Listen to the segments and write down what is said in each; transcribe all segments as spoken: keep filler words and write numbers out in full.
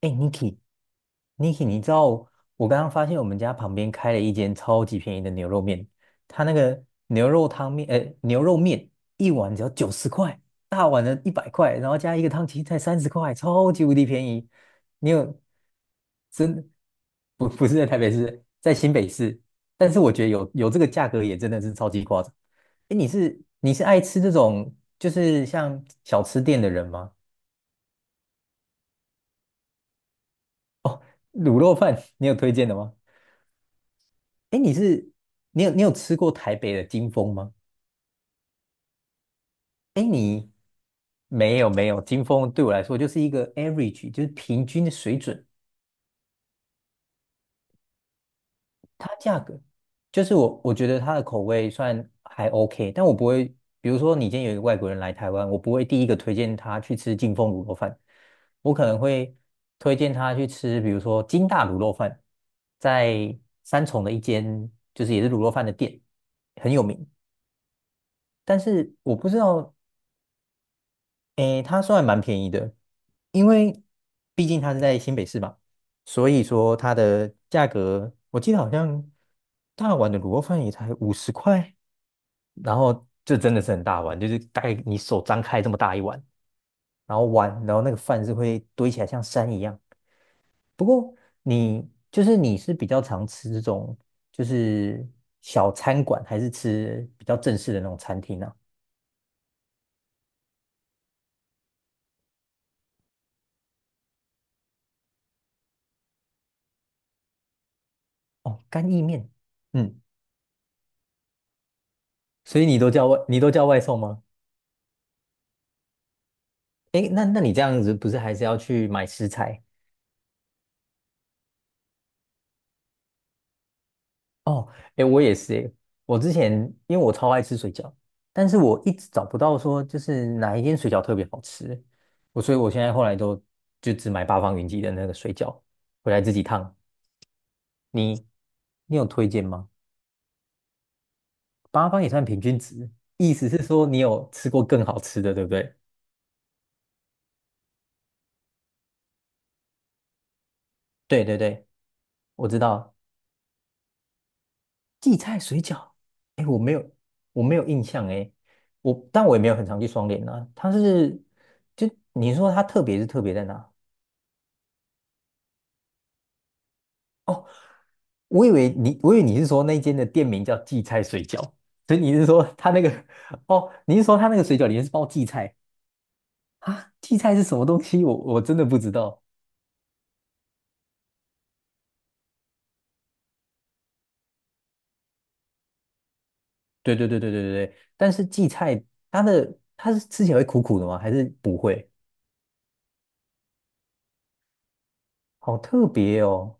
哎，Niki，Niki，你知道我刚刚发现我们家旁边开了一间超级便宜的牛肉面，它那个牛肉汤面，呃，牛肉面一碗只要九十块，大碗的一百块，然后加一个汤青才三十块，超级无敌便宜。你有真不不是在台北市，在新北市，但是我觉得有有这个价格也真的是超级夸张。哎，你是你是爱吃这种就是像小吃店的人吗？卤肉饭你有推荐的吗？哎，你是你有你有吃过台北的金丰吗？哎，你没有没有，金丰对我来说就是一个 average，就是平均的水准。它价格就是我我觉得它的口味算还 OK，但我不会，比如说你今天有一个外国人来台湾，我不会第一个推荐他去吃金丰卤肉饭，我可能会推荐他去吃，比如说金大卤肉饭，在三重的一间就是也是卤肉饭的店，很有名。但是我不知道诶，它算蛮便宜的，因为毕竟它是在新北市嘛，所以说它的价格，我记得好像大碗的卤肉饭也才五十块，然后这真的是很大碗，就是大概你手张开这么大一碗，然后碗，然后那个饭是会堆起来像山一样。不过你就是你是比较常吃这种就是小餐馆，还是吃比较正式的那种餐厅呢？哦，干意面，嗯，所以你都叫外，你都叫外送吗？哎，那那你这样子不是还是要去买食材哦？哎，我也是哎，我之前因为我超爱吃水饺，但是我一直找不到说就是哪一间水饺特别好吃，我所以我现在后来都就只买八方云集的那个水饺回来自己烫。你你有推荐吗？八方也算平均值，意思是说你有吃过更好吃的，对不对？对对对，我知道荠菜水饺，哎，我没有，我没有印象哎，我但我也没有很常去双连啊。它是，就你说它特别是特别在哪？哦，我以为你，我以为你是说那间的店名叫荠菜水饺，所以你是说它那个，哦，你是说它那个水饺里面是包荠菜啊？荠菜是什么东西？我我真的不知道。对对对对对对对，但是荠菜它的它是吃起来会苦苦的吗？还是不会？好特别哦。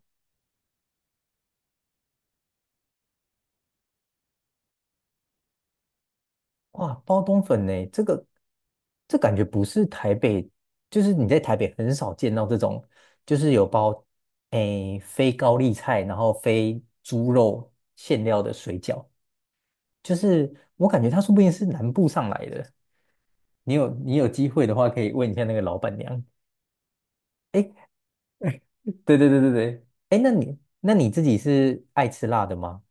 哇，包冬粉呢？这个这感觉不是台北，就是你在台北很少见到这种，就是有包诶非高丽菜，然后非猪肉馅料的水饺，就是我感觉它说不定是南部上来的。你有你有机会的话，可以问一下那个老板娘。诶，对对对对对，诶，那你那你自己是爱吃辣的吗？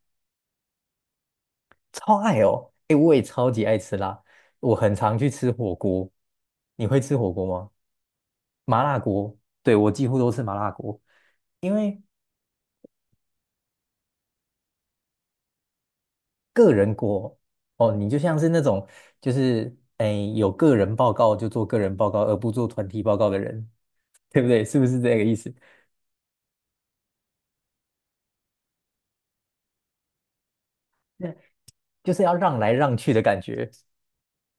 超爱哦，诶，我也超级爱吃辣，我很常去吃火锅。你会吃火锅吗？麻辣锅，对，我几乎都吃麻辣锅，因为个人锅哦，你就像是那种就是哎有个人报告就做个人报告，而不做团体报告的人，对不对？是不是这个意思？那就是要让来让去的感觉。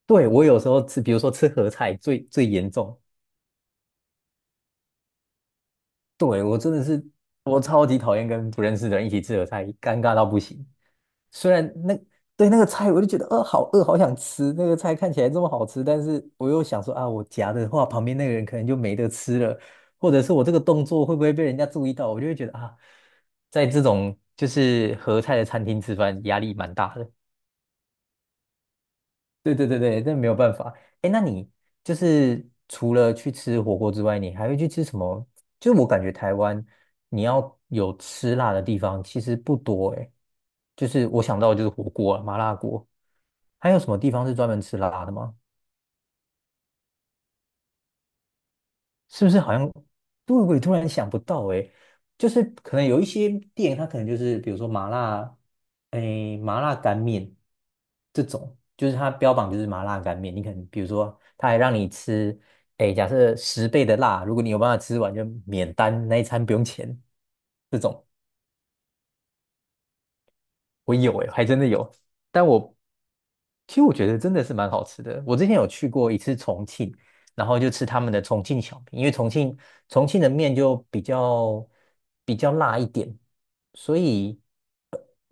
对，我有时候吃，比如说吃合菜最最严重，对，我真的是我超级讨厌跟不认识的人一起吃合菜，尴尬到不行。虽然那对那个菜，我就觉得呃好饿，好想吃那个菜，看起来这么好吃，但是我又想说啊，我夹的话，旁边那个人可能就没得吃了，或者是我这个动作会不会被人家注意到，我就会觉得啊，在这种就是合菜的餐厅吃饭，压力蛮大的。对对对对，这没有办法。哎，那你就是除了去吃火锅之外，你还会去吃什么？就是我感觉台湾你要有吃辣的地方其实不多哎，就是我想到的就是火锅啊，麻辣锅，还有什么地方是专门吃辣的吗？是不是好像对我也突然想不到诶，就是可能有一些店，它可能就是比如说麻辣，诶，麻辣干面这种，就是它标榜就是麻辣干面，你可能比如说他还让你吃，诶，假设十倍的辣，如果你有办法吃完就免单，那一餐不用钱这种。我有诶，还真的有。但我其实我觉得真的是蛮好吃的。我之前有去过一次重庆，然后就吃他们的重庆小面，因为重庆重庆的面就比较比较辣一点，所以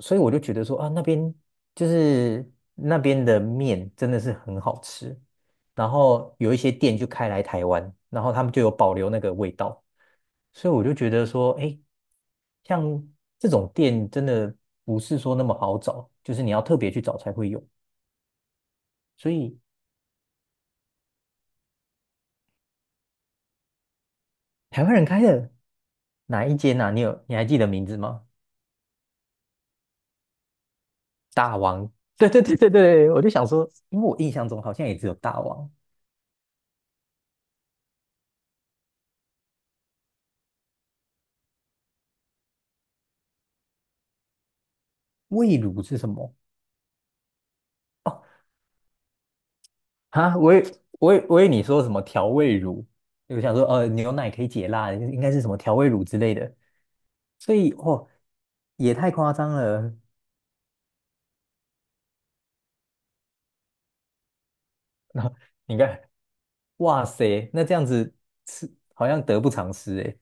所以我就觉得说啊，那边就是那边的面真的是很好吃，然后有一些店就开来台湾，然后他们就有保留那个味道，所以我就觉得说，哎，像这种店真的不是说那么好找，就是你要特别去找才会有。所以台湾人开的哪一间啊？你有你还记得名字吗？大王，对对对对对，我就想说，因为我印象中好像也只有大王，味卤是什么？哦啊，我以我以我以为你说什么调味乳，我想说呃牛奶可以解辣，应该是什么调味乳之类的，所以哦也太夸张了。那你看，哇塞，那这样子吃好像得不偿失诶，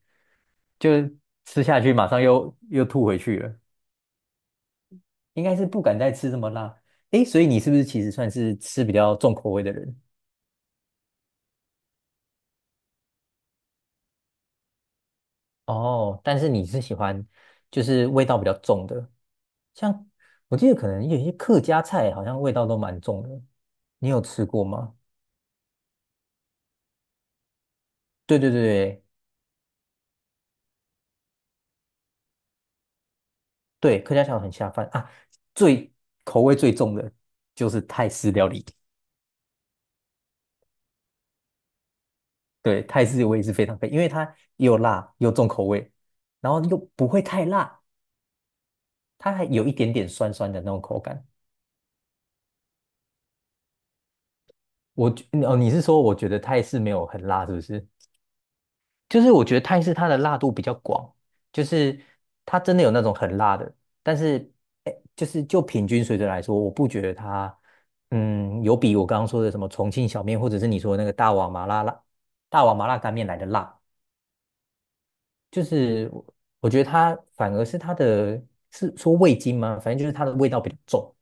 就是吃下去马上又又吐回去了，应该是不敢再吃这么辣。诶，所以你是不是其实算是吃比较重口味的人？哦，但是你是喜欢就是味道比较重的，像我记得可能有一些客家菜好像味道都蛮重的，你有吃过吗？对对对对，客家菜很下饭啊，最口味最重的就是泰式料理。对，泰式我也是非常配，因为它又辣又重口味，然后又不会太辣，它还有一点点酸酸的那种口感。我觉哦，你是说我觉得泰式没有很辣，是不是？就是我觉得泰式它的辣度比较广，就是它真的有那种很辣的，但是哎，就是就平均水准来说，我不觉得它嗯有比我刚刚说的什么重庆小面，或者是你说的那个大碗麻辣辣大碗麻辣干面来的辣，就是我我觉得它反而是它的是说味精吗？反正就是它的味道比较重，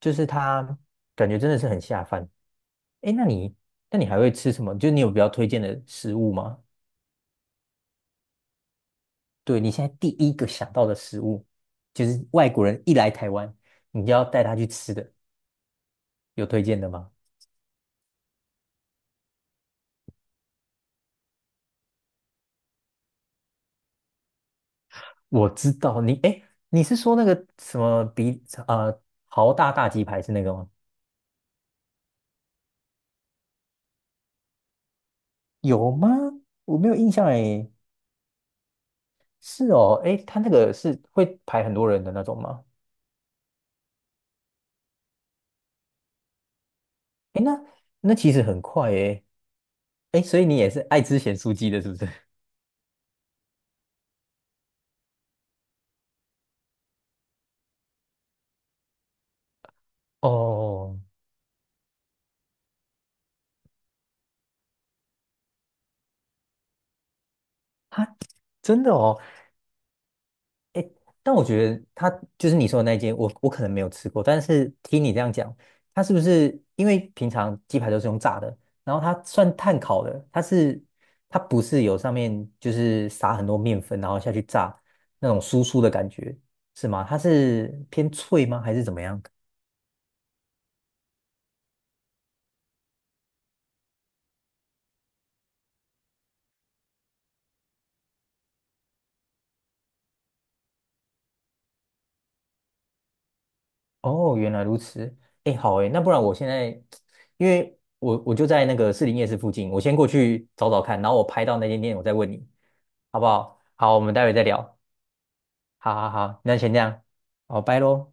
就是它感觉真的是很下饭。哎，那你那你还会吃什么？就是你有比较推荐的食物吗？对，你现在第一个想到的食物，就是外国人一来台湾，你就要带他去吃的，有推荐的吗？我知道你，哎，你是说那个什么比啊豪大大鸡排是那个吗？有吗？我没有印象哎。是哦，哎，他那个是会排很多人的那种吗？哎，那那其实很快哎，哎，所以你也是爱吃咸酥鸡的，是不是？哦，他真的哦，但我觉得它就是你说的那间，我我可能没有吃过，但是听你这样讲，它是不是因为平常鸡排都是用炸的，然后它算碳烤的，它是它不是有上面就是撒很多面粉，然后下去炸那种酥酥的感觉，是吗？它是偏脆吗？还是怎么样？哦，原来如此。哎，好哎，那不然我现在，因为我我就在那个士林夜市附近，我先过去找找看，然后我拍到那间店，我再问你，好不好？好，我们待会再聊。好好好，那先这样，哦，拜喽。